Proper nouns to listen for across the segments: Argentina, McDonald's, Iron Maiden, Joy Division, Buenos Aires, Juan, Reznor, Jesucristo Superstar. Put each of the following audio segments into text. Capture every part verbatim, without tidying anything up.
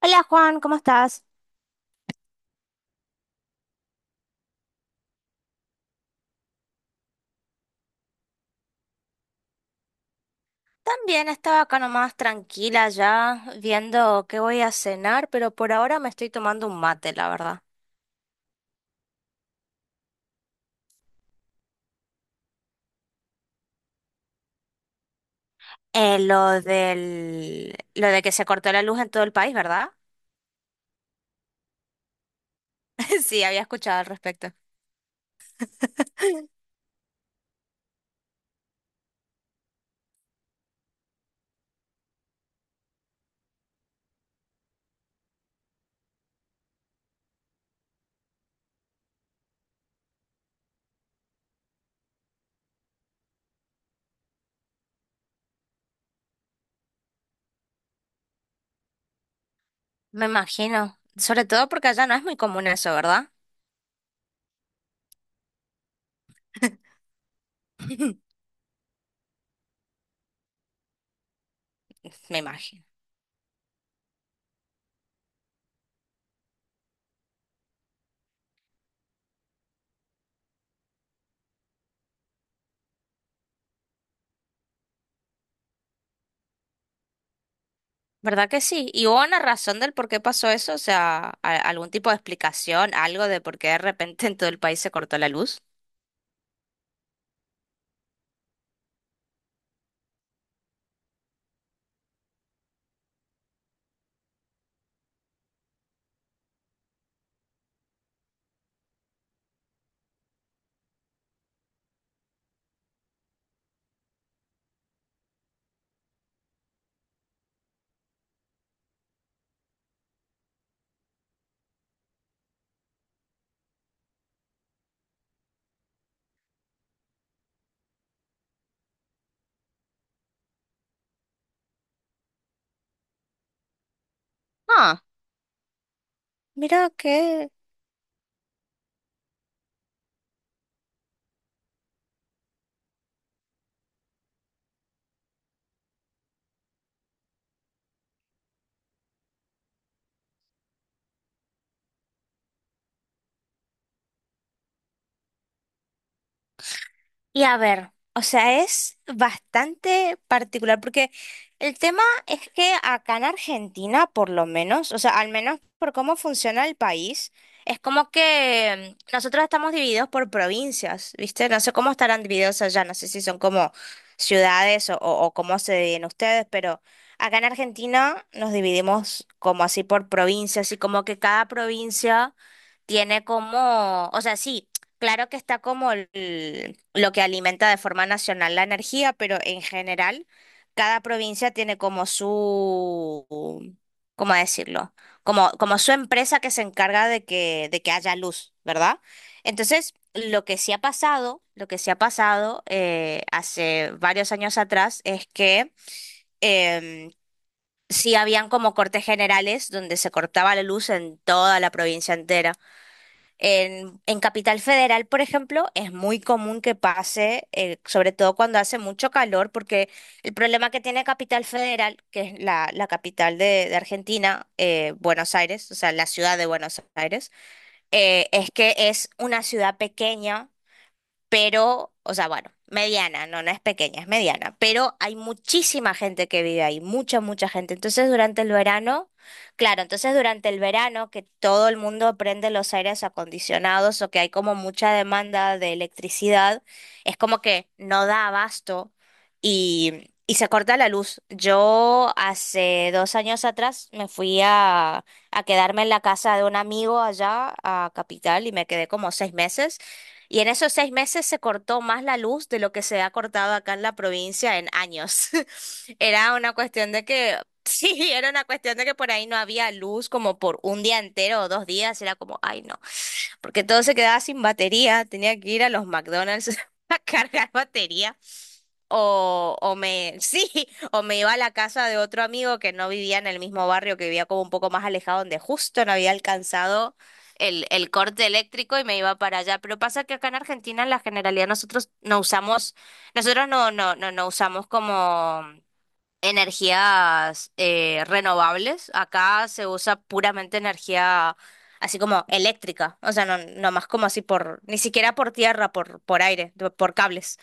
Hola Juan, ¿cómo estás? También estaba acá nomás tranquila ya, viendo qué voy a cenar, pero por ahora me estoy tomando un mate, la verdad. Eh, lo del, lo de que se cortó la luz en todo el país, ¿verdad? Sí, había escuchado al respecto. Me imagino, sobre todo porque allá no es muy común eso, ¿verdad? Me imagino. ¿Verdad que sí? ¿Y hubo una razón del por qué pasó eso? O sea, a- algún tipo de explicación, ¿algo de por qué de repente en todo el país se cortó la luz? Ah, mira que... Y a ver, o sea, es bastante particular porque el tema es que acá en Argentina, por lo menos, o sea, al menos por cómo funciona el país, es como que mm, nosotros estamos divididos por provincias, ¿viste? No sé cómo estarán divididos allá, no sé si son como ciudades o, o, o cómo se dividen ustedes, pero acá en Argentina nos dividimos como así por provincias y como que cada provincia tiene como, o sea, sí, claro que está como el- lo que alimenta de forma nacional la energía, pero en general cada provincia tiene como su, ¿cómo decirlo? Como, como su empresa que se encarga de que, de que haya luz, ¿verdad? Entonces, lo que sí ha pasado, lo que sí ha pasado eh, hace varios años atrás es que em, sí habían como cortes generales donde se cortaba la luz en toda la provincia entera. En, en Capital Federal, por ejemplo, es muy común que pase, eh, sobre todo cuando hace mucho calor, porque el problema que tiene Capital Federal, que es la, la capital de, de Argentina, eh, Buenos Aires, o sea, la ciudad de Buenos Aires, eh, es que es una ciudad pequeña pero, o sea, bueno, mediana, no, no es pequeña, es mediana, pero hay muchísima gente que vive ahí, mucha, mucha gente. Entonces, durante el verano, claro, entonces durante el verano que todo el mundo prende los aires acondicionados o que hay como mucha demanda de electricidad, es como que no da abasto y, y se corta la luz. Yo hace dos años atrás me fui a, a quedarme en la casa de un amigo allá a Capital y me quedé como seis meses. Y en esos seis meses se cortó más la luz de lo que se ha cortado acá en la provincia en años. Era una cuestión de que, sí, era una cuestión de que por ahí no había luz como por un día entero o dos días. Era como, ay, no, porque todo se quedaba sin batería. Tenía que ir a los McDonald's a cargar batería. O, o me, sí, o me iba a la casa de otro amigo que no vivía en el mismo barrio, que vivía como un poco más alejado, donde justo no había alcanzado el, el corte eléctrico y me iba para allá. Pero pasa que acá en Argentina, en la generalidad, nosotros no usamos, nosotros no, no, no, no usamos como energías eh, renovables. Acá se usa puramente energía así como eléctrica. O sea, no, no más como así por, ni siquiera por tierra, por, por aire, por cables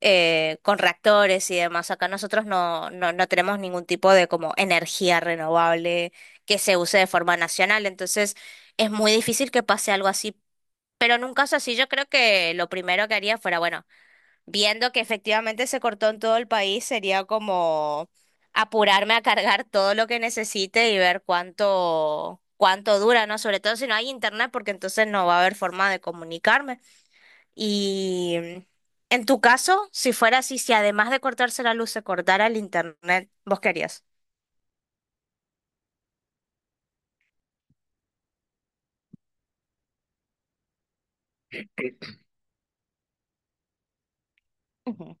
eh, con reactores y demás. Acá nosotros no, no, no tenemos ningún tipo de como energía renovable que se use de forma nacional, entonces es muy difícil que pase algo así. Pero en un caso así, yo creo que lo primero que haría fuera, bueno, viendo que efectivamente se cortó en todo el país, sería como apurarme a cargar todo lo que necesite y ver cuánto, cuánto dura, ¿no? Sobre todo si no hay internet, porque entonces no va a haber forma de comunicarme. Y mm, en tu caso, si fuera así, si además de cortarse la luz se cortara el internet, ¿vos querías? Ujú.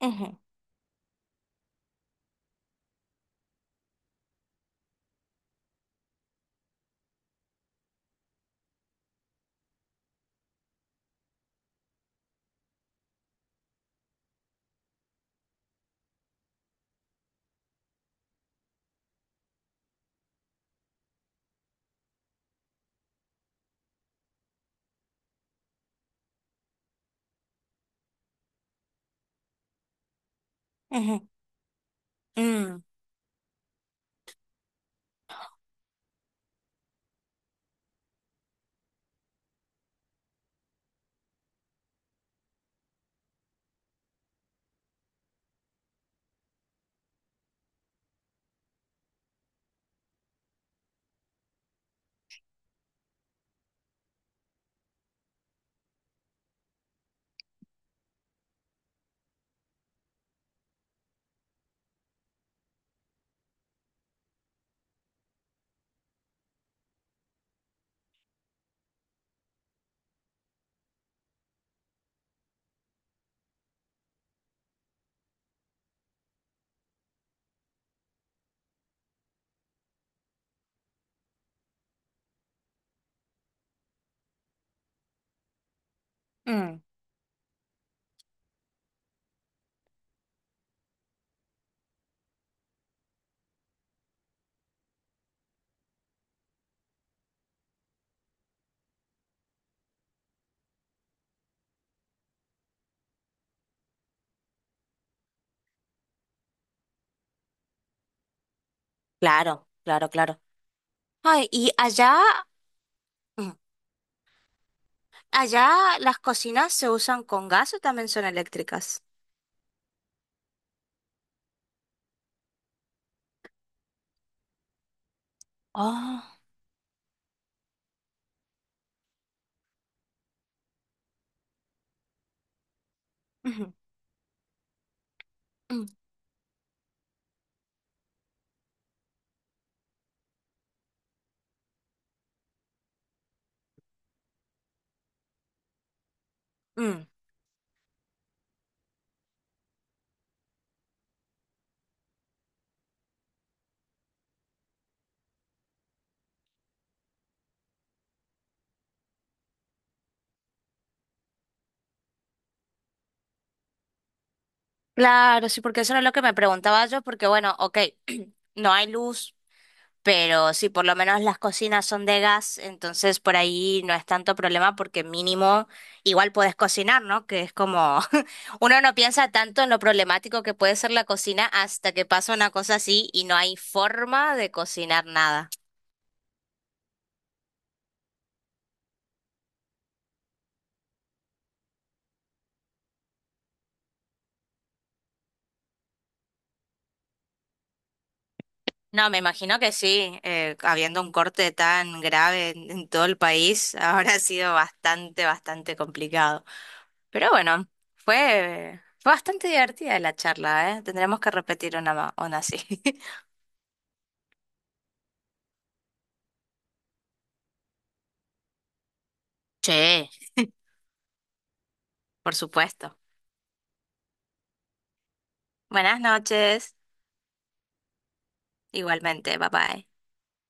Ujú, ujú. Mm, mm. Claro, claro, claro. Ay, y allá, mm, allá las cocinas se usan con gas o también son eléctricas. Ah, ujú, mm, mm. Claro, sí, porque eso era lo que me preguntaba yo, porque bueno, ok, no hay luz. Pero sí, por lo menos las cocinas son de gas, entonces por ahí no es tanto problema porque mínimo igual puedes cocinar, ¿no? Que es como uno no piensa tanto en lo problemático que puede ser la cocina hasta que pasa una cosa así y no hay forma de cocinar nada. No, me imagino que sí, eh, habiendo un corte tan grave en, en todo el país, ahora ha sido bastante, bastante complicado. Pero bueno, fue, fue bastante divertida la charla, ¿eh? Tendremos que repetir una, ma- una así. Che, por supuesto. Buenas noches. Igualmente, bye bye.